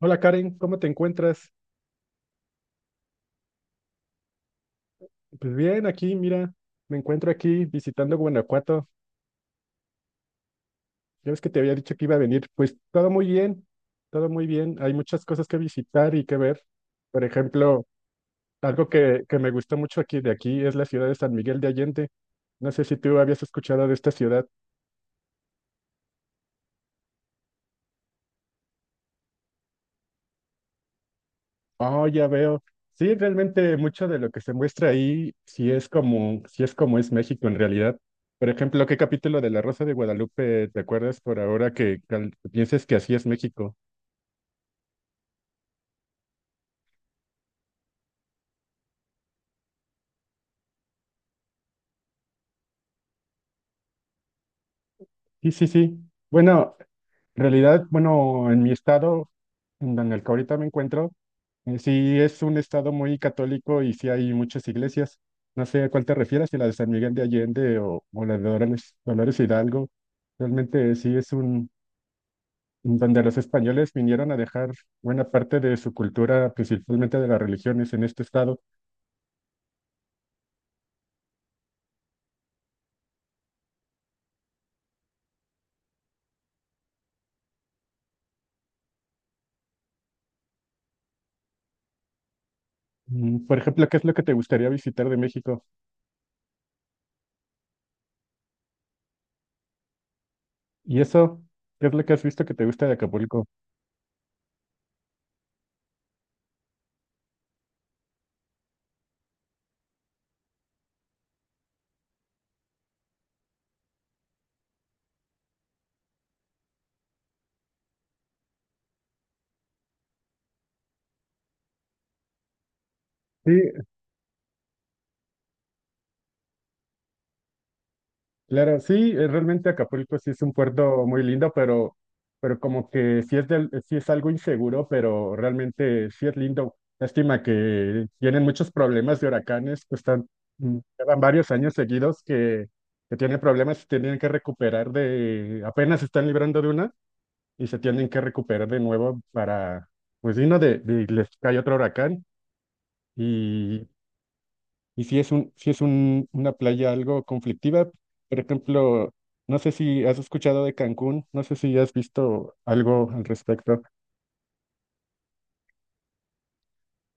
Hola Karen, ¿cómo te encuentras? Pues bien, aquí, mira, me encuentro aquí visitando Guanajuato. Ya ves que te había dicho que iba a venir. Pues todo muy bien, todo muy bien. Hay muchas cosas que visitar y que ver. Por ejemplo, algo que me gustó mucho aquí de aquí es la ciudad de San Miguel de Allende. No sé si tú habías escuchado de esta ciudad. Oh, ya veo. Sí, realmente mucho de lo que se muestra ahí, sí es como es México en realidad. Por ejemplo, ¿qué capítulo de La Rosa de Guadalupe te acuerdas por ahora que, pienses que así es México? Sí, sí, sí. Bueno, en realidad, bueno, en mi estado, en donde el que ahorita me encuentro, sí es un estado muy católico y sí hay muchas iglesias. No sé a cuál te refieres, si la de San Miguel de Allende o la de Dolores, Dolores Hidalgo. Realmente donde los españoles vinieron a dejar buena parte de su cultura, principalmente de las religiones, en este estado. Por ejemplo, ¿qué es lo que te gustaría visitar de México? Y eso, ¿qué es lo que has visto que te gusta de Acapulco? Sí, claro, sí, realmente Acapulco sí es un puerto muy lindo, pero como que sí es algo inseguro, pero realmente sí es lindo. Lástima que tienen muchos problemas de huracanes, pues llevan varios años seguidos que tienen problemas y tienen que recuperar apenas se están librando de una y se tienen que recuperar de nuevo para, pues vino de- les cae otro huracán y y si es un, si es un, una playa algo conflictiva, por ejemplo, no sé si has escuchado de Cancún, no sé si has visto algo al respecto.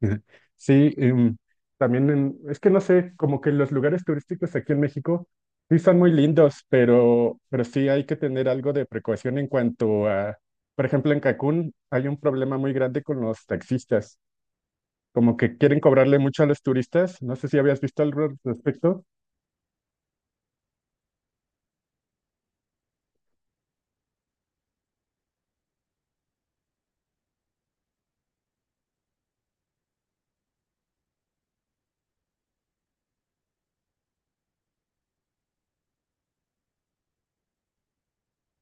Ujú. Sí, también es que no sé, como que los lugares turísticos aquí en México sí son muy lindos, pero sí hay que tener algo de precaución en cuanto a, por ejemplo, en Cancún hay un problema muy grande con los taxistas, como que quieren cobrarle mucho a los turistas, no sé si habías visto algo al respecto.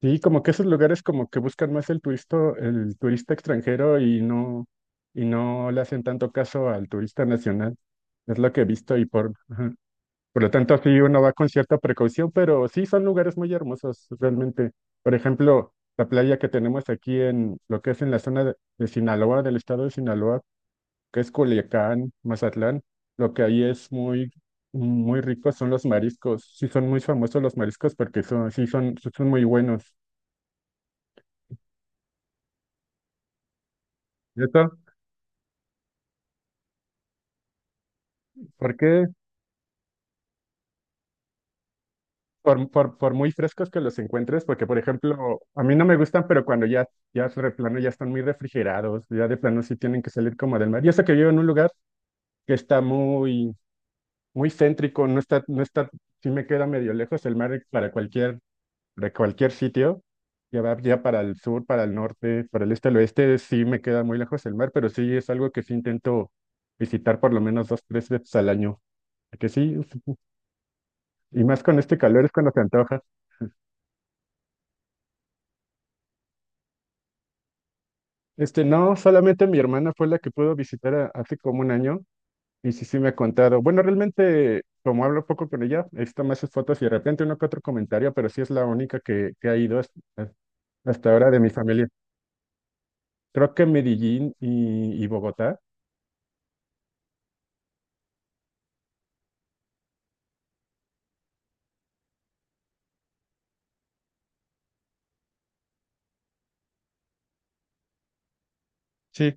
Sí, como que esos lugares como que buscan más el turista extranjero y no le hacen tanto caso al turista nacional. Es lo que he visto y ajá. Por lo tanto, sí uno va con cierta precaución, pero sí son lugares muy hermosos realmente. Por ejemplo, la playa que tenemos aquí en lo que es en la zona de Sinaloa, del estado de Sinaloa, que es Culiacán, Mazatlán, lo que ahí es muy, muy rico son los mariscos. Sí son muy famosos los mariscos porque sí son muy buenos. ¿Cierto? Porque por muy frescos que los encuentres, porque por ejemplo, a mí no me gustan, pero cuando ya, ya de plano ya están muy refrigerados, ya de plano sí tienen que salir como del mar. Y eso que vivo en un lugar que está muy, muy céntrico, no está, no está, sí me queda medio lejos el mar de cualquier sitio. Ya va ya para el sur, para el norte, para el este, el oeste, sí me queda muy lejos el mar, pero sí es algo que sí intento visitar por lo menos dos, tres veces al año. Que sí, y más con este calor es cuando se antoja. Este, no, solamente mi hermana fue la que pudo visitar hace como un año y sí me ha contado. Bueno, realmente, como hablo poco con ella, he visto más sus fotos y de repente uno que otro comentario, pero sí es la única que ha ido hasta ahora de mi familia. Creo que Medellín y Bogotá. Sí,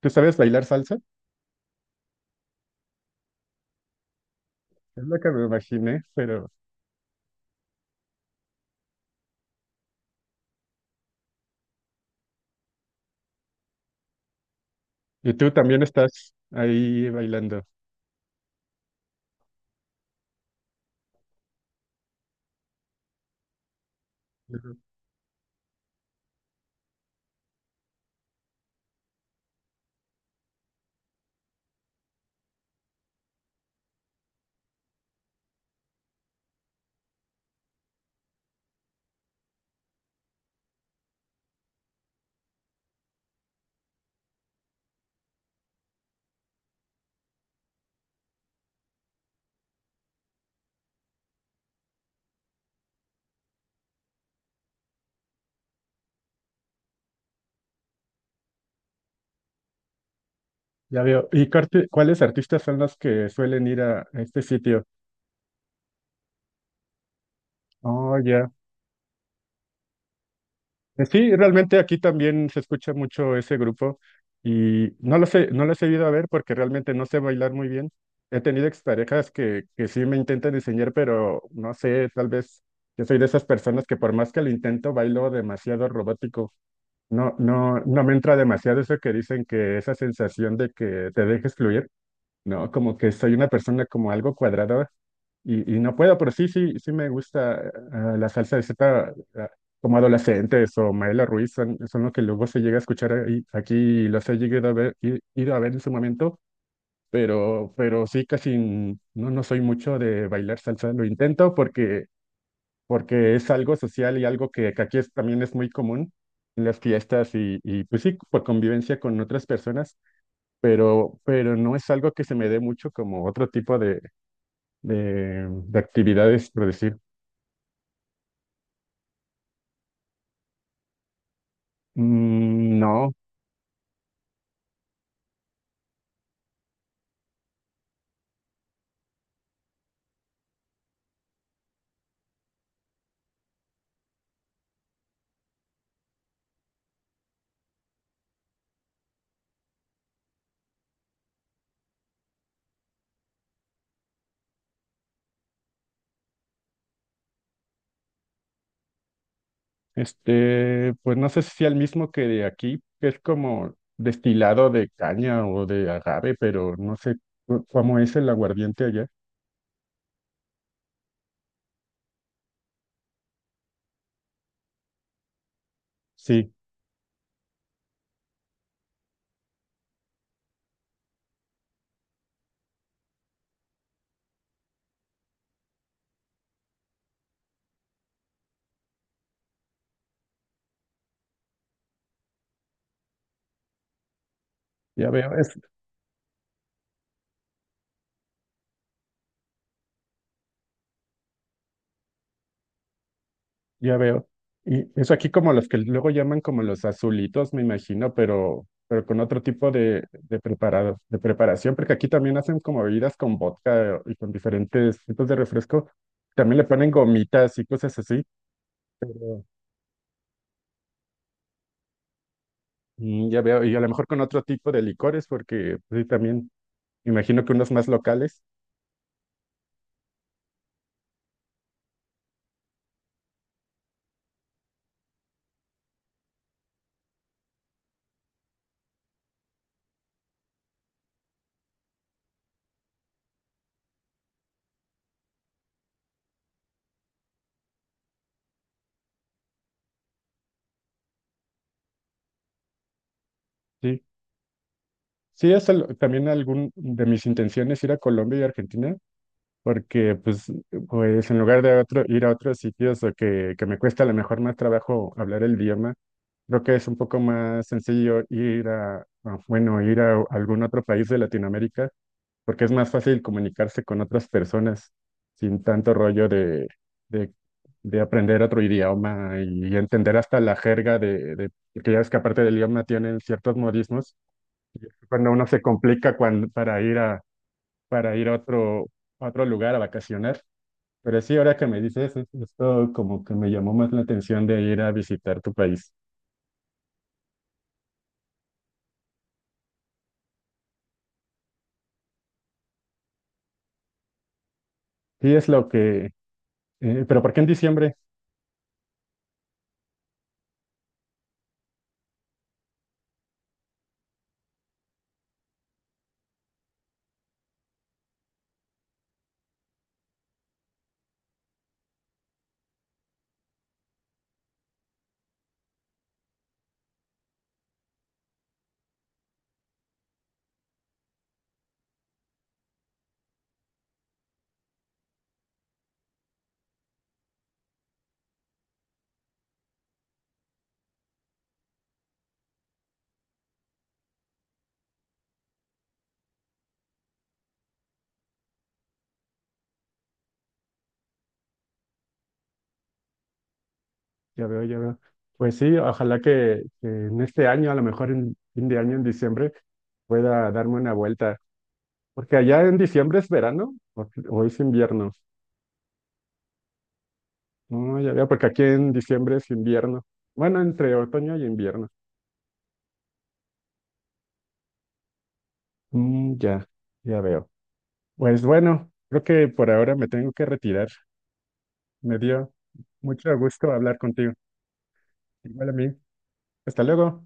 ¿tú sabes bailar salsa? Es lo que me imaginé, pero. Y tú también estás ahí bailando. Ya veo. ¿Y cuáles artistas son los que suelen ir a este sitio? Oh, ya. Sí, realmente aquí también se escucha mucho ese grupo y no lo sé, no lo he ido a ver porque realmente no sé bailar muy bien. He tenido exparejas que sí me intentan enseñar, pero no sé, tal vez yo soy de esas personas que por más que lo intento, bailo demasiado robótico. No, no, no me entra demasiado eso que dicen que esa sensación de que te dejes fluir. No, como que soy una persona como algo cuadrada y no puedo, pero sí me gusta la salsa de Z como Adolescentes o Maela Ruiz, son lo que luego se llega a escuchar aquí y los he llegado a ver, ido a ver en su momento, pero sí casi no soy mucho de bailar salsa, lo intento porque es algo social y algo que aquí es, también es muy común en las fiestas y pues sí, por convivencia con otras personas pero no es algo que se me dé mucho como otro tipo de, de actividades, por decir. No, este, pues no sé si sea el mismo que de aquí, que es como destilado de caña o de agave, pero no sé cómo es el aguardiente allá. Sí, ya veo. Ya veo. Y eso aquí como los que luego llaman como los azulitos, me imagino, pero con otro tipo de preparación, porque aquí también hacen como bebidas con vodka y con diferentes tipos de refresco. También le ponen gomitas y cosas así. Pero, ya veo. Y a lo mejor con otro tipo de licores, porque pues, sí, también me imagino que unos más locales. Sí. Sí, es también algún de mis intenciones ir a Colombia y Argentina. Porque pues en lugar de otro, ir a otros sitios o que me cuesta a lo mejor más trabajo hablar el idioma, creo que es un poco más sencillo bueno, ir a algún otro país de Latinoamérica, porque es más fácil comunicarse con otras personas sin tanto rollo de, de aprender otro idioma y, entender hasta la jerga de, porque ya ves que aparte del idioma tienen ciertos modismos, cuando, uno se complica cuando, para ir a otro lugar a vacacionar, pero sí, ahora que me dices, esto como que me llamó más la atención de ir a visitar tu país. Sí, es lo que. Pero ¿por qué en diciembre? Ya veo, ya veo. Pues sí, ojalá que en este año, a lo mejor en fin de año, en diciembre, pueda darme una vuelta. Porque allá en diciembre es verano o es invierno. No, ya veo, porque aquí en diciembre es invierno. Bueno, entre otoño y invierno. Ya ya veo. Pues bueno, creo que por ahora me tengo que retirar. Me dio mucho gusto hablar contigo. Igual a mí. Hasta luego.